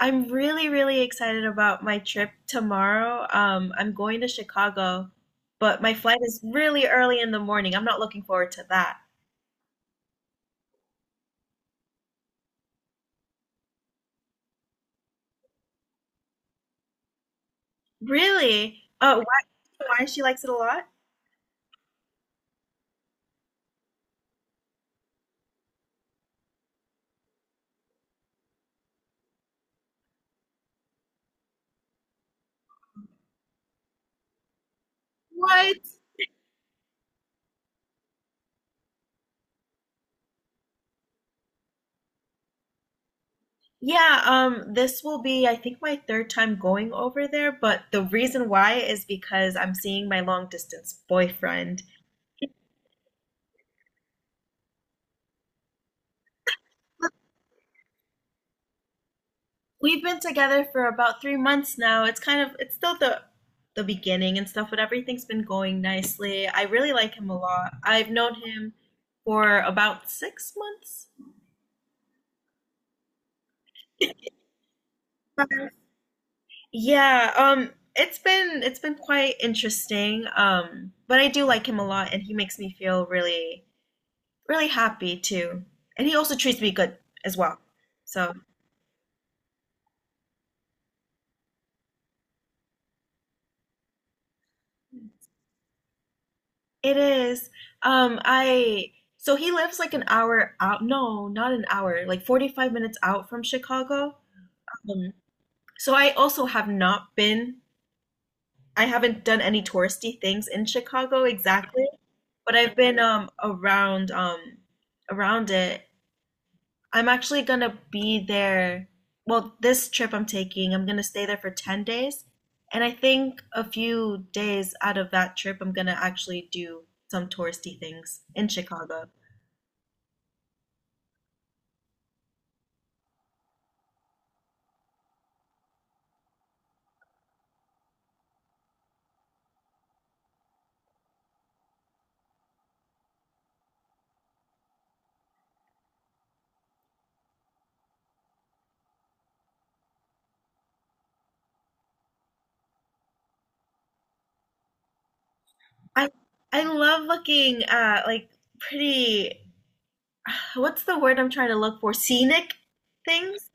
I'm really, really excited about my trip tomorrow. I'm going to Chicago, but my flight is really early in the morning. I'm not looking forward to that. Really? Oh, why she likes it a lot? What? Yeah, this will be, I think, my third time going over there, but the reason why is because I'm seeing my long distance boyfriend. We've been together for about 3 months now. It's kind of it's still the beginning and stuff, but everything's been going nicely. I really like him a lot. I've known him for about 6 months. Yeah, it's been quite interesting. But I do like him a lot, and he makes me feel really really happy too. And he also treats me good as well. So it is. I so he lives like an hour out. No, not an hour, like 45 minutes out from Chicago. Um, so I also have not been, I haven't done any touristy things in Chicago exactly, but I've been around around it. I'm actually gonna be there. Well, this trip I'm taking, I'm gonna stay there for 10 days, and I think a few days out of that trip, I'm gonna actually do some touristy things in Chicago. I I love looking at like pretty, what's the word I'm trying to look for? Scenic things.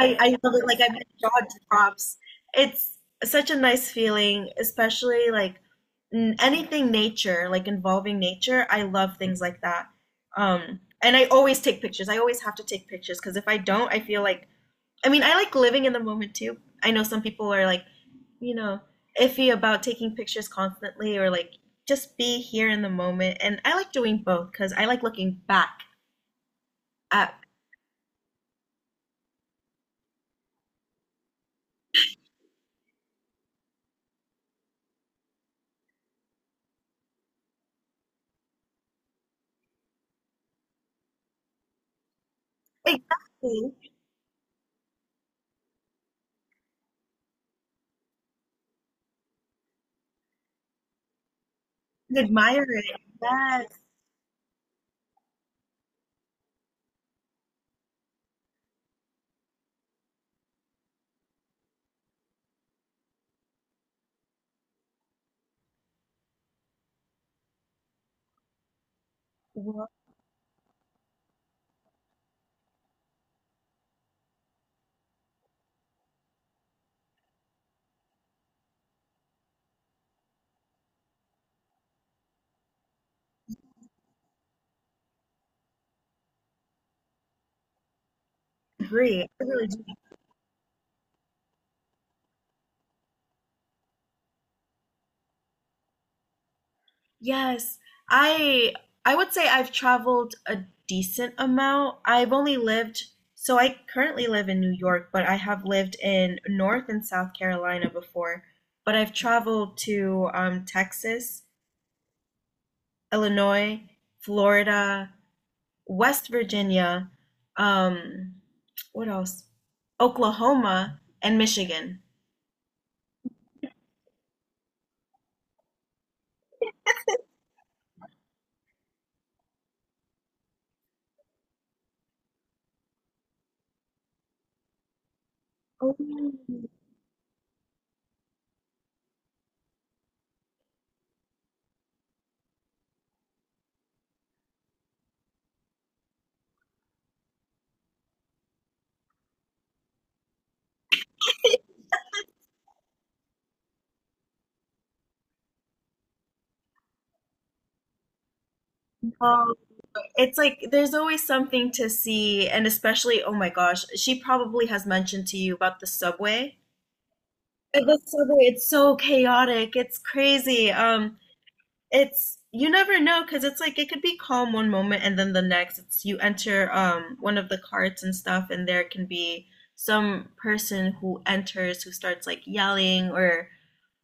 I love it. Like I mean, Dodge props. It's such a nice feeling, especially like anything nature, like involving nature. I love things like that. And I always take pictures. I always have to take pictures because if I don't, I feel like I mean, I like living in the moment too. I know some people are like, you know, iffy about taking pictures constantly or like just be here in the moment. And I like doing both because I like looking back at exactly and admire it. Yes, well, I agree. I really yes. I I would say I've traveled a decent amount. I've only lived, so I currently live in New York, but I have lived in North and South Carolina before. But I've traveled to Texas, Illinois, Florida, West Virginia, um, what else? Oklahoma and Michigan. Oh, it's like there's always something to see, and especially, oh my gosh, she probably has mentioned to you about the subway. The subway, it's so chaotic, it's crazy. It's you never know because it's like it could be calm one moment and then the next it's you enter one of the carts and stuff, and there can be some person who enters who starts like yelling or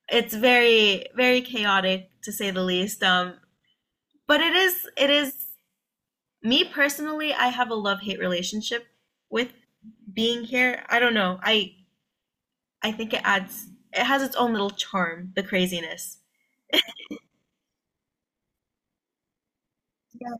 it's very very chaotic to say the least. But it is me personally, I have a love-hate relationship with being here. I don't know. I think it adds it has its own little charm, the craziness. Yeah.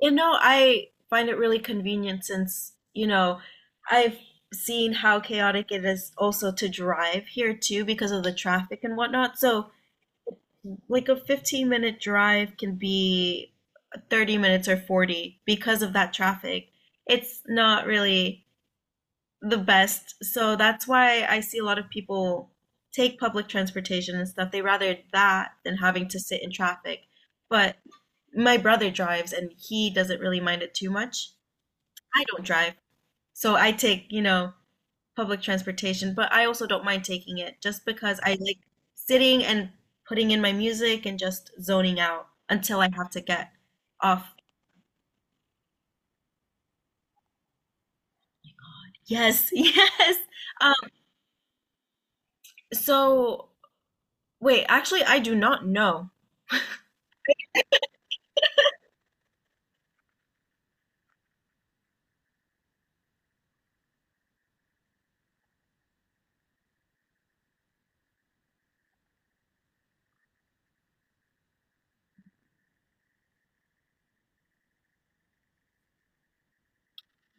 You know, I find it really convenient since, you know, I've seen how chaotic it is also to drive here too because of the traffic and whatnot. So, like a 15-minute drive can be 30 minutes or 40 because of that traffic. It's not really the best. So that's why I see a lot of people take public transportation and stuff. They rather that than having to sit in traffic. But my brother drives and he doesn't really mind it too much. I don't drive. So I take, you know, public transportation, but I also don't mind taking it just because I like sitting and putting in my music and just zoning out until I have to get off. Yes, yes. Um, so wait, actually I do not know.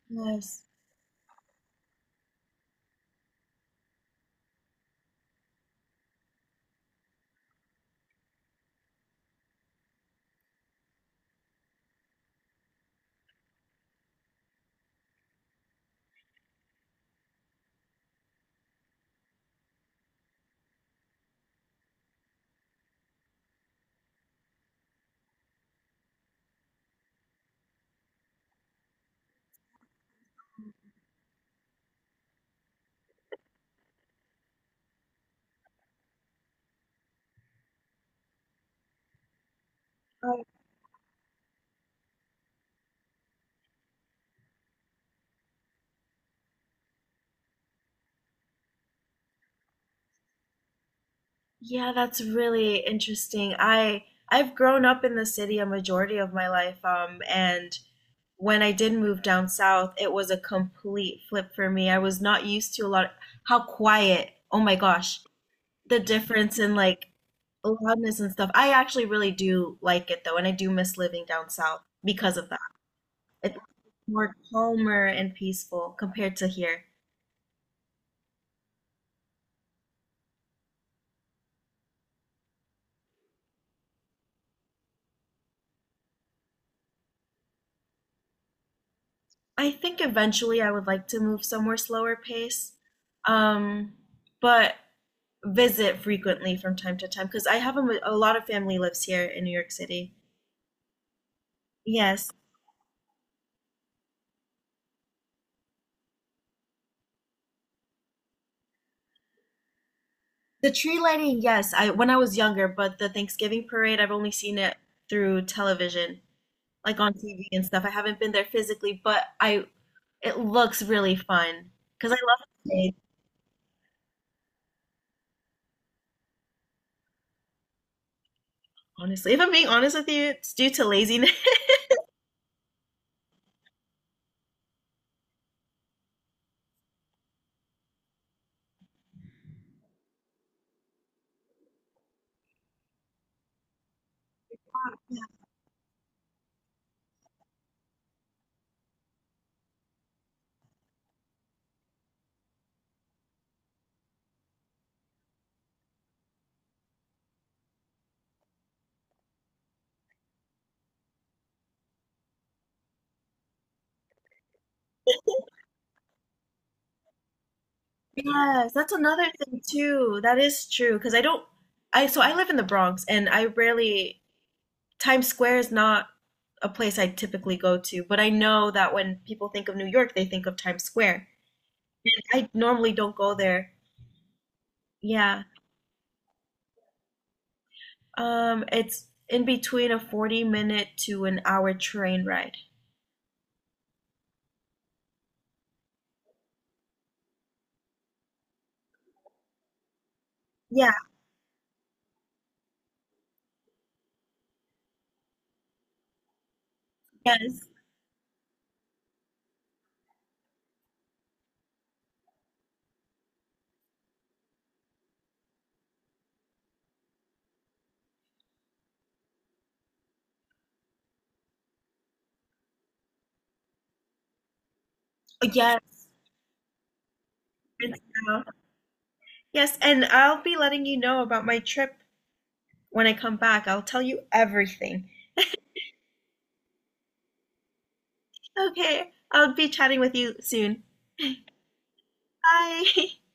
Yes. Oh, yeah, that's really interesting. I've grown up in the city a majority of my life, and when I did move down south, it was a complete flip for me. I was not used to a lot how quiet. Oh my gosh, the difference in like loudness and stuff. I actually really do like it though, and I do miss living down south because of that. It's more calmer and peaceful compared to here. I think eventually I would like to move somewhere slower pace, um, but visit frequently from time to time because I have a lot of family lives here in New York City. Yes, the tree lighting. Yes, I when I was younger, but the Thanksgiving parade I've only seen it through television, like on TV and stuff. I haven't been there physically, but I it looks really fun because I love the parade. Honestly, if I'm being honest with you, it's due to laziness. Yes, that's another thing too. That is true because I don't I so I live in the Bronx and I rarely Times Square is not a place I typically go to, but I know that when people think of New York, they think of Times Square. And I normally don't go there. Yeah. It's in between a 40 minute to an hour train ride. Yeah, yes. Yes. It's now. Yes, and I'll be letting you know about my trip when I come back. I'll tell you everything. Okay, I'll be chatting with you soon. Bye.